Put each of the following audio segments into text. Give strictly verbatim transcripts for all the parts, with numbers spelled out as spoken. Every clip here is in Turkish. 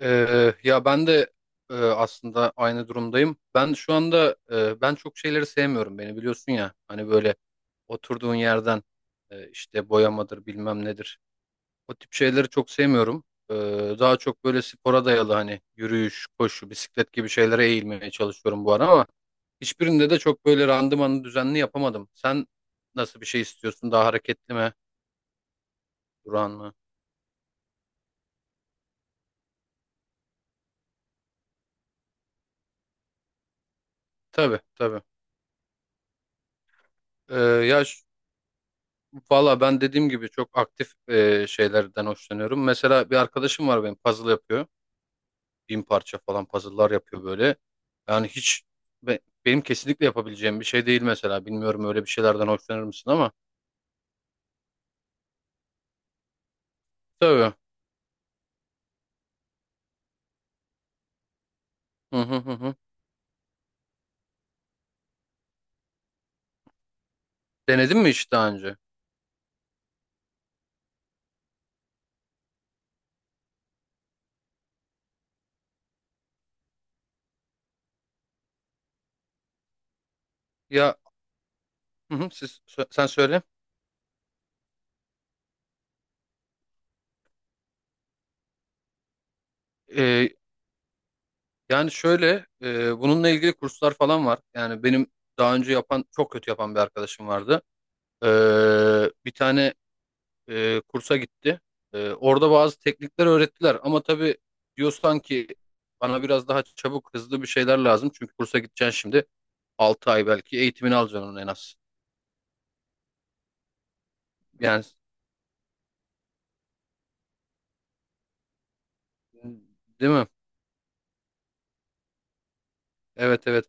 Ee, ya ben de e, aslında aynı durumdayım. Ben şu anda, e, ben çok şeyleri sevmiyorum, beni biliyorsun ya. Hani böyle oturduğun yerden, e, işte boyamadır bilmem nedir. O tip şeyleri çok sevmiyorum. Ee, Daha çok böyle spora dayalı hani yürüyüş, koşu, bisiklet gibi şeylere eğilmeye çalışıyorum bu ara, ama hiçbirinde de çok böyle randımanı düzenli yapamadım. Sen nasıl bir şey istiyorsun? Daha hareketli mi, duran mı? Tabii, tabii. Ee, ya Valla ben dediğim gibi çok aktif e, şeylerden hoşlanıyorum. Mesela bir arkadaşım var, benim puzzle yapıyor. Bin parça falan puzzle'lar yapıyor böyle. Yani hiç be- benim kesinlikle yapabileceğim bir şey değil mesela. Bilmiyorum, öyle bir şeylerden hoşlanır mısın ama. Tabii. Hı hı, hı hı. Denedin mi hiç daha önce? Ya, hı hı, siz, sö- sen söyle. E, Yani şöyle, e, bununla ilgili kurslar falan var. Yani benim daha önce yapan, çok kötü yapan bir arkadaşım vardı. E, Bir tane e, kursa gitti. E, orada bazı teknikler öğrettiler, ama tabii diyorsan ki bana biraz daha çabuk hızlı bir şeyler lazım. Çünkü kursa gideceksin şimdi, altı ay belki eğitimini alacaksın onun en az. Yani, değil mi? Evet, evet.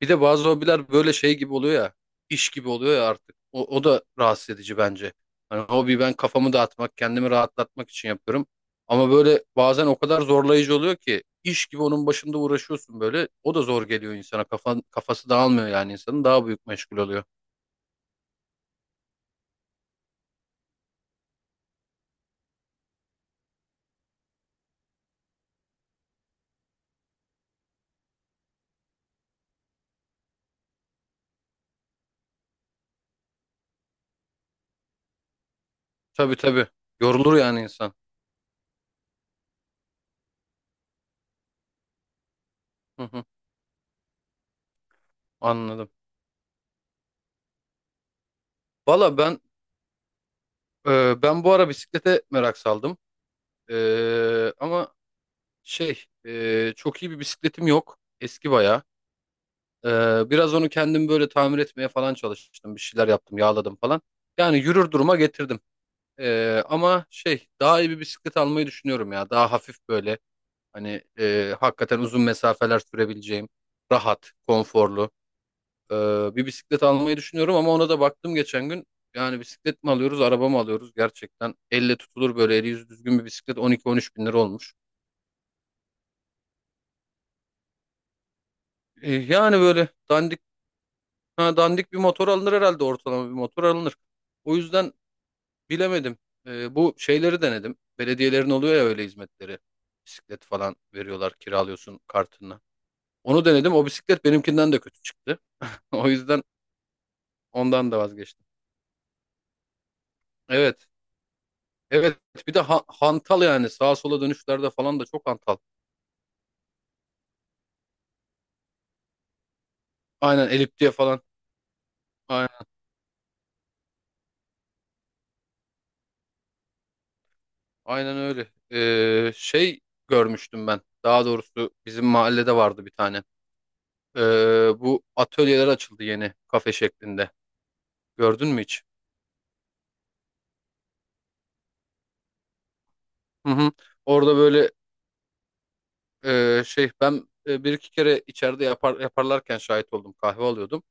Bir de bazı hobiler böyle şey gibi oluyor ya, iş gibi oluyor ya artık. O, o da rahatsız edici bence. Hani hobi, ben kafamı dağıtmak, kendimi rahatlatmak için yapıyorum. Ama böyle bazen o kadar zorlayıcı oluyor ki iş gibi onun başında uğraşıyorsun böyle. O da zor geliyor insana. Kafan, kafası dağılmıyor yani insanın. Daha büyük meşgul oluyor. Tabii, tabii. Yorulur yani insan. Hı hı, anladım. Valla ben, e, ben bu ara bisiklete merak saldım. E, ama şey e, çok iyi bir bisikletim yok. Eski bayağı. Ee, biraz onu kendim böyle tamir etmeye falan çalıştım. Bir şeyler yaptım, yağladım falan. Yani yürür duruma getirdim. Ee, ama şey daha iyi bir bisiklet almayı düşünüyorum ya. Daha hafif, böyle hani e, hakikaten uzun mesafeler sürebileceğim, rahat, konforlu, e, bir bisiklet almayı düşünüyorum. Ama ona da baktım geçen gün. Yani bisiklet mi alıyoruz, araba mı alıyoruz? Gerçekten elle tutulur, böyle eli yüzü düzgün bir bisiklet on iki on üç bin lira olmuş. Ee, yani böyle dandik, ha, dandik bir motor alınır herhalde, ortalama bir motor alınır. O yüzden bilemedim. Ee, bu şeyleri denedim. Belediyelerin oluyor ya öyle hizmetleri. Bisiklet falan veriyorlar, kiralıyorsun kartını. Onu denedim. O bisiklet benimkinden de kötü çıktı. O yüzden ondan da vazgeçtim. Evet. Evet. Bir de ha- hantal yani. Sağa sola dönüşlerde falan da çok hantal. Aynen, eliptiye falan. Aynen, aynen öyle. Ee, şey görmüştüm ben. Daha doğrusu bizim mahallede vardı bir tane. Ee, Bu atölyeler açıldı yeni, kafe şeklinde. Gördün mü hiç? Hı hı. Orada böyle. Ee, şey ben, e, bir iki kere içeride yapar, yaparlarken şahit oldum. Kahve alıyordum.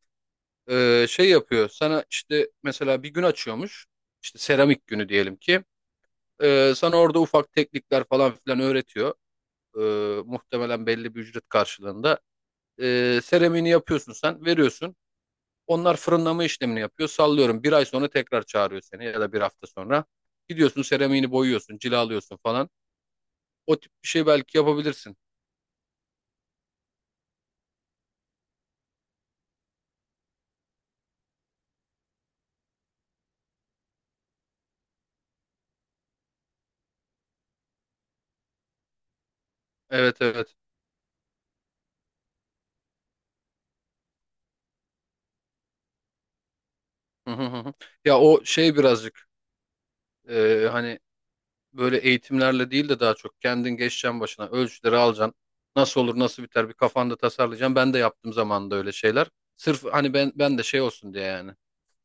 Ee, şey yapıyor. Sana işte mesela bir gün açıyormuş. İşte seramik günü diyelim ki. Ee, sana orada ufak teknikler falan filan öğretiyor. Ee, muhtemelen belli bir ücret karşılığında. Ee, seramiğini yapıyorsun sen, veriyorsun. Onlar fırınlama işlemini yapıyor. Sallıyorum. Bir ay sonra tekrar çağırıyor seni, ya da bir hafta sonra. Gidiyorsun, seramiğini boyuyorsun, cilalıyorsun falan. O tip bir şey belki yapabilirsin. Evet, evet. Hı hı, hı hı. Ya, o şey birazcık, e, hani böyle eğitimlerle değil de daha çok kendin geçeceksin başına, ölçüleri alacaksın. Nasıl olur nasıl biter, bir kafanda tasarlayacaksın. Ben de yaptım zamanında öyle şeyler. Sırf hani ben ben de şey olsun diye, yani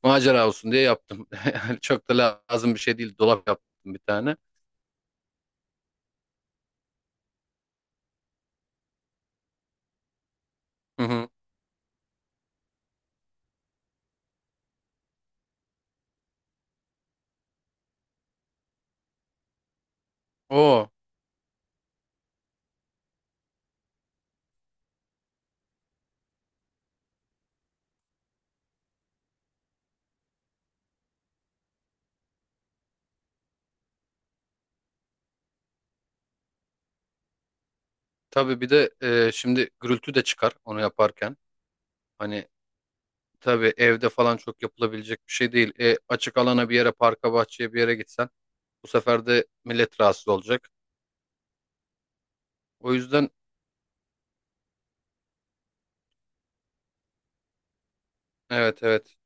macera olsun diye yaptım. Yani çok da lazım bir şey değil, dolap yaptım bir tane. Hı hı. O tabii. Bir de e, şimdi gürültü de çıkar onu yaparken. Hani tabii evde falan çok yapılabilecek bir şey değil. E, açık alana bir yere, parka bahçeye bir yere gitsen, bu sefer de millet rahatsız olacak. O yüzden evet, evet.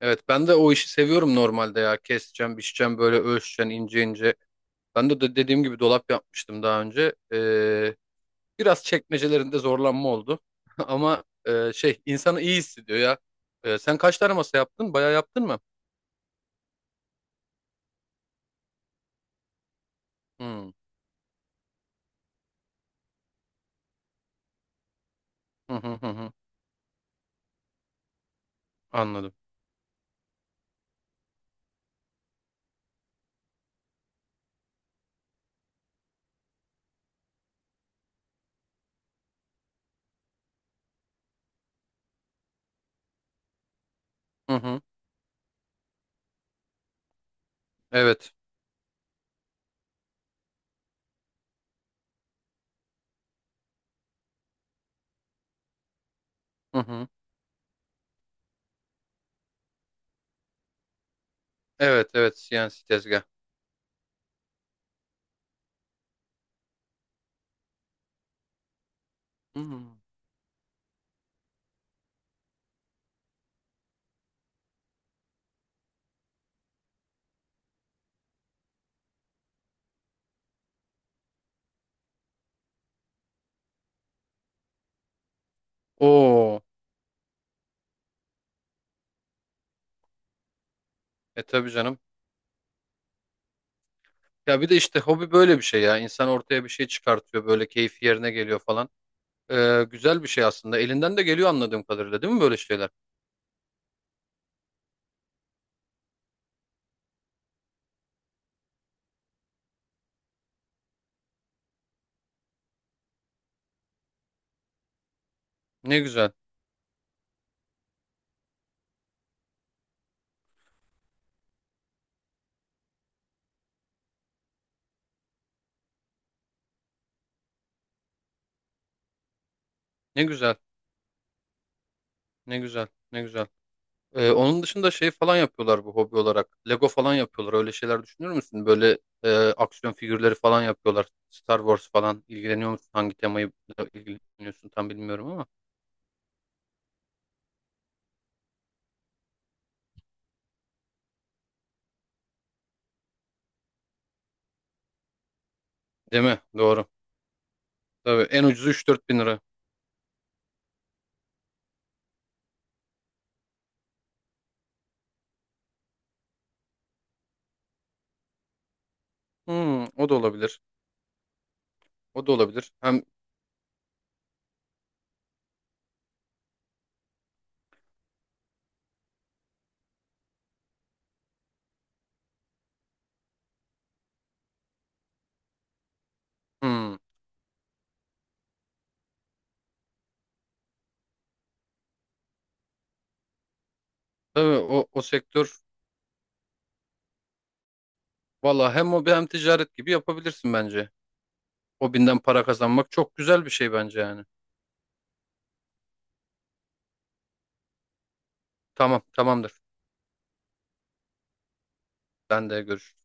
Evet, ben de o işi seviyorum normalde ya. Keseceğim, biçeceğim, böyle ölçeceğim ince ince. Ben de, de dediğim gibi dolap yapmıştım daha önce. Ee, biraz çekmecelerinde zorlanma oldu. Ama, e, şey insanı iyi hissediyor ya. Ee, sen kaç tane masa yaptın? Bayağı yaptın mı? Hmm. Hı hı, hı hı. Anladım. Hı hı. Evet. Hı hı. Evet, evet, C N C tezgah. Hı hı. Oo. E tabii canım. Ya bir de işte, hobi böyle bir şey ya. İnsan ortaya bir şey çıkartıyor, böyle keyfi yerine geliyor falan. Ee, güzel bir şey aslında. Elinden de geliyor anladığım kadarıyla, değil mi, böyle şeyler? Ne güzel. Ne güzel. Ne güzel. Ne güzel. Ee, onun dışında şey falan yapıyorlar bu, hobi olarak. Lego falan yapıyorlar. Öyle şeyler düşünür müsün? Böyle e, aksiyon figürleri falan yapıyorlar. Star Wars falan. İlgileniyor musun? Hangi temayı ilgileniyorsun tam bilmiyorum ama. Değil mi? Doğru. Tabii, en ucuzu üç dört bin lira. Hmm, o da olabilir. O da olabilir. Hem hmm, tabii o, o sektör. Valla hem hobi hem ticaret gibi yapabilirsin bence. Hobinden para kazanmak çok güzel bir şey bence yani. Tamam, tamamdır. Ben de görüşürüz.